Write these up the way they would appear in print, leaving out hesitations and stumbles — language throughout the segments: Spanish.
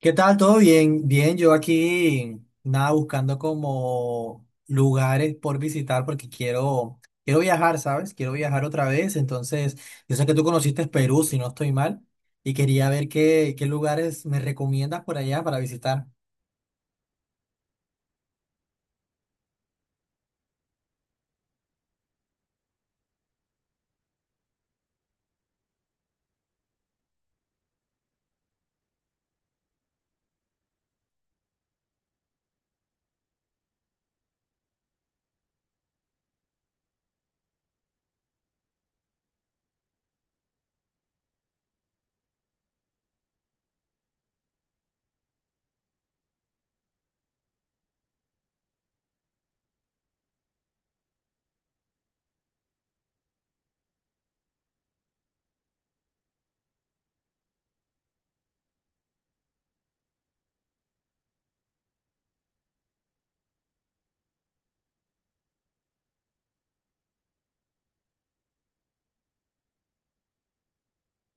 ¿Qué tal? ¿Todo bien? Bien, yo aquí nada buscando como lugares por visitar porque quiero viajar, ¿sabes? Quiero viajar otra vez, entonces yo sé que tú conociste Perú, si no estoy mal, y quería ver qué lugares me recomiendas por allá para visitar.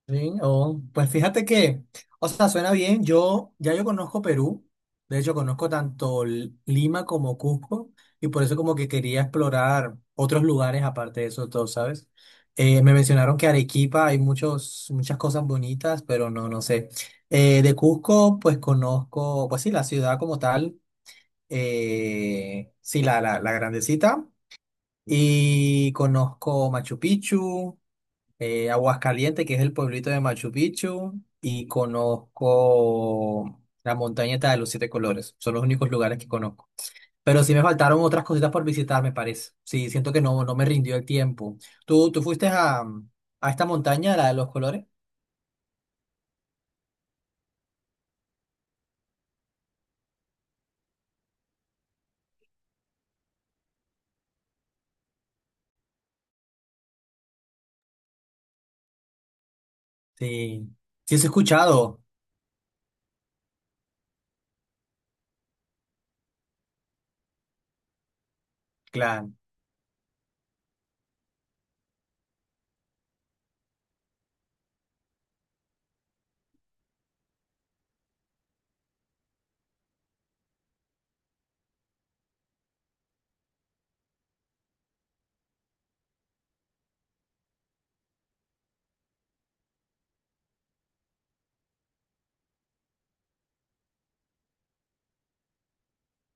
Sí, oh, pues fíjate que, o sea, suena bien. Yo ya yo conozco Perú, de hecho conozco tanto Lima como Cusco y por eso como que quería explorar otros lugares aparte de esos dos, ¿sabes? Me mencionaron que Arequipa hay muchos muchas cosas bonitas, pero no sé. De Cusco pues conozco, pues sí, la ciudad como tal, sí la grandecita y conozco Machu Picchu, Aguascalientes, que es el pueblito de Machu Picchu, y conozco la montaña esta de los siete colores. Son los únicos lugares que conozco. Pero sí me faltaron otras cositas por visitar, me parece. Sí, siento que no, no me rindió el tiempo. ¿Tú fuiste a esta montaña, la de los colores? Sí. Sí, sí he escuchado. Claro.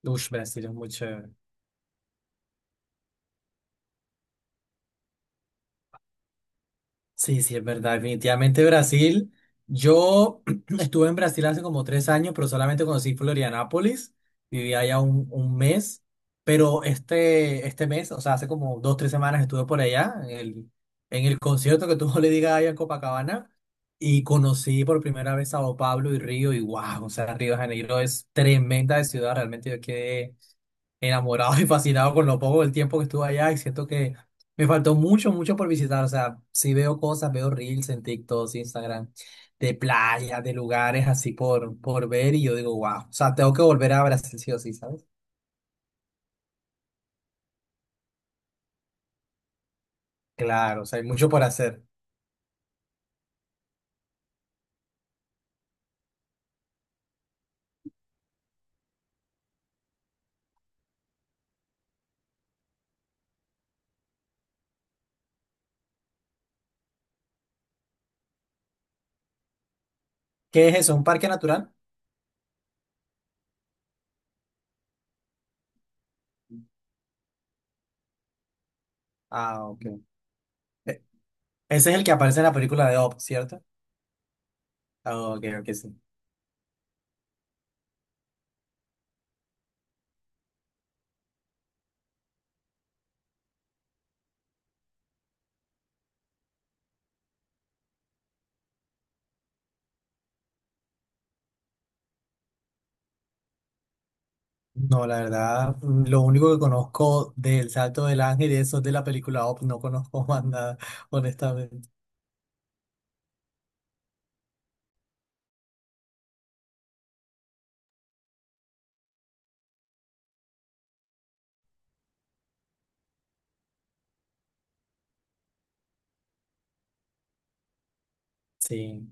Ush, Brasil es mucho. Sí, sí, es verdad. Definitivamente Brasil. Yo estuve en Brasil hace como 3 años, pero solamente conocí Florianápolis. Viví allá un mes. Pero este mes, o sea, hace como 2, 3 semanas estuve por allá, en el concierto que tuvo le Gaga allá en Copacabana. Y conocí por primera vez Sao Paulo y Río. Y wow, o sea, Río de Janeiro es tremenda de ciudad. Realmente yo quedé enamorado y fascinado con lo poco del tiempo que estuve allá y siento que me faltó mucho, mucho por visitar. O sea, sí veo cosas, veo reels en TikTok, Instagram, de playas, de lugares así por ver y yo digo, wow, o sea, tengo que volver a Brasil sí o sí, ¿sabes? Claro, o sea, hay mucho por hacer. ¿Qué es eso? ¿Un parque natural? Ah, ok. E- ese es el que aparece en la película de Up, ¿cierto? Ah, ok, ok, sí. No, la verdad, lo único que conozco del Salto del Ángel y eso es de la película Up, no conozco más nada, honestamente. Sí.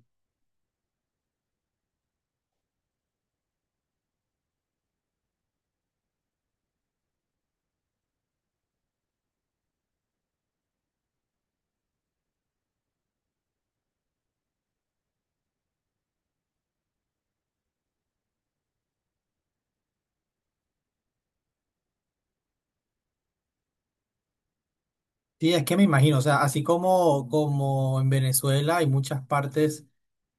Sí, es que me imagino, o sea, así como, como en Venezuela hay muchas partes,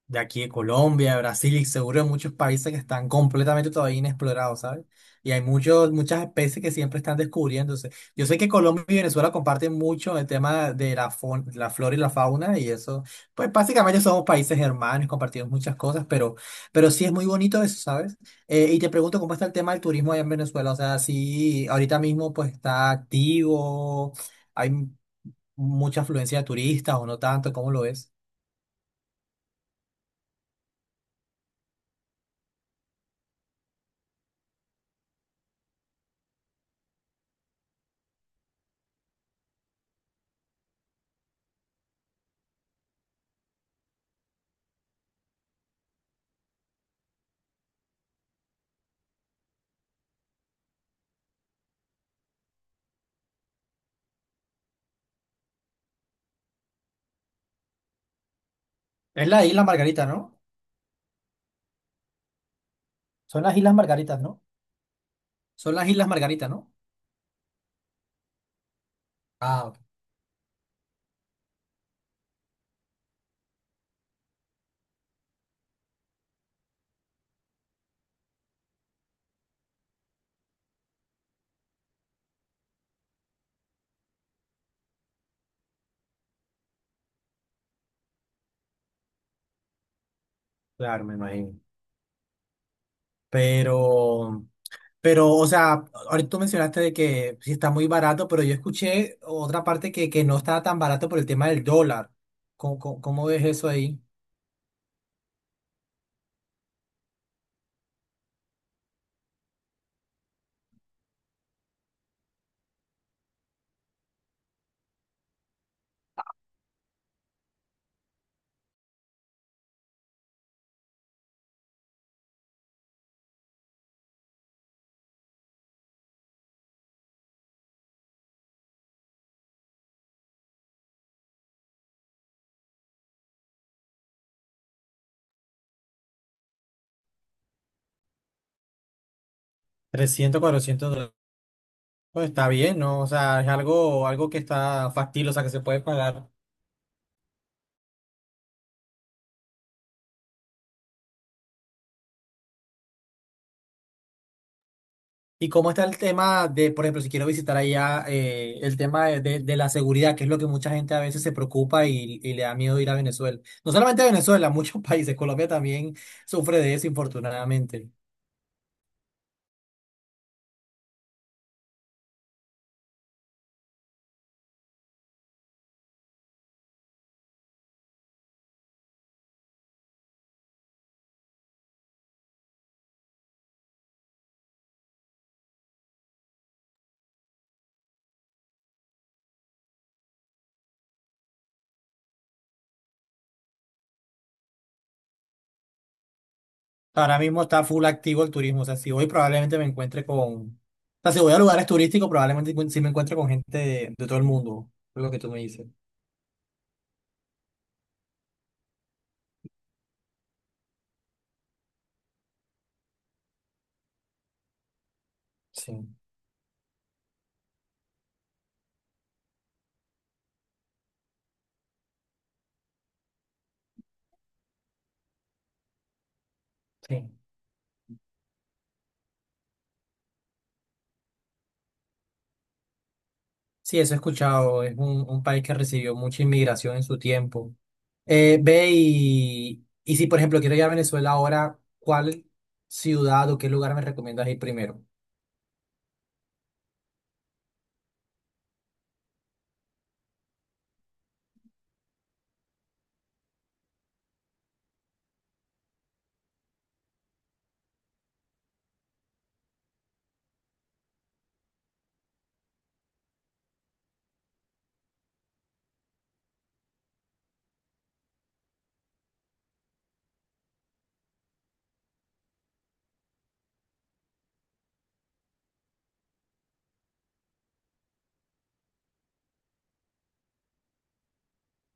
de aquí de Colombia, de Brasil y seguro de muchos países que están completamente todavía inexplorados, ¿sabes? Y hay muchas especies que siempre están descubriéndose. Yo sé que Colombia y Venezuela comparten mucho el tema de la flora y la fauna y eso, pues básicamente somos países hermanos, compartimos muchas cosas, pero, sí es muy bonito eso, ¿sabes? Y te pregunto, ¿cómo está el tema del turismo allá en Venezuela? O sea, si ahorita mismo pues está activo, hay mucha afluencia de turistas o no tanto, ¿cómo lo es? ¿Es la isla Margarita, no? ¿Son las Islas Margaritas, no? ¿Son las Islas Margarita, no? Ah, ok. Claro, me imagino. Pero, pero, o sea, ahorita tú mencionaste de que sí está muy barato, pero yo escuché otra parte que no estaba tan barato por el tema del dólar. ¿Cómo ves eso ahí? 300 $400. Pues está bien, ¿no? O sea, es algo que está factible, o sea, que se puede pagar. ¿Y cómo está el tema de, por ejemplo, si quiero visitar allá, el tema de la seguridad, que es lo que mucha gente a veces se preocupa y le da miedo ir a Venezuela? No solamente a Venezuela, muchos países, Colombia también sufre de eso, infortunadamente. Ahora mismo está full activo el turismo, o sea, si voy probablemente me encuentre o sea, si voy a lugares turísticos, probablemente si me encuentre con gente de todo el mundo, es lo que tú me dices. Sí, sí. Sí, eso he escuchado, es un país que recibió mucha inmigración en su tiempo. Ve y si, por ejemplo, quiero ir a Venezuela ahora, ¿cuál ciudad o qué lugar me recomiendas ir primero?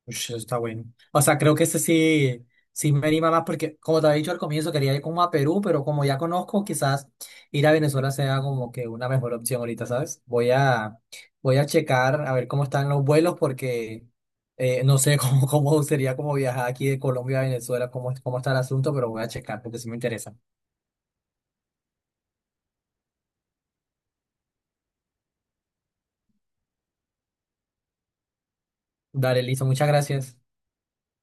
Ush, eso está bueno. O sea, creo que ese sí, sí me anima más porque, como te había dicho al comienzo, quería ir como a Perú, pero como ya conozco, quizás ir a Venezuela sea como que una mejor opción ahorita, ¿sabes? Voy a checar a ver cómo están los vuelos porque no sé cómo sería como viajar aquí de Colombia a Venezuela, cómo está el asunto, pero voy a checar porque sí me interesa. Dale, listo, muchas gracias.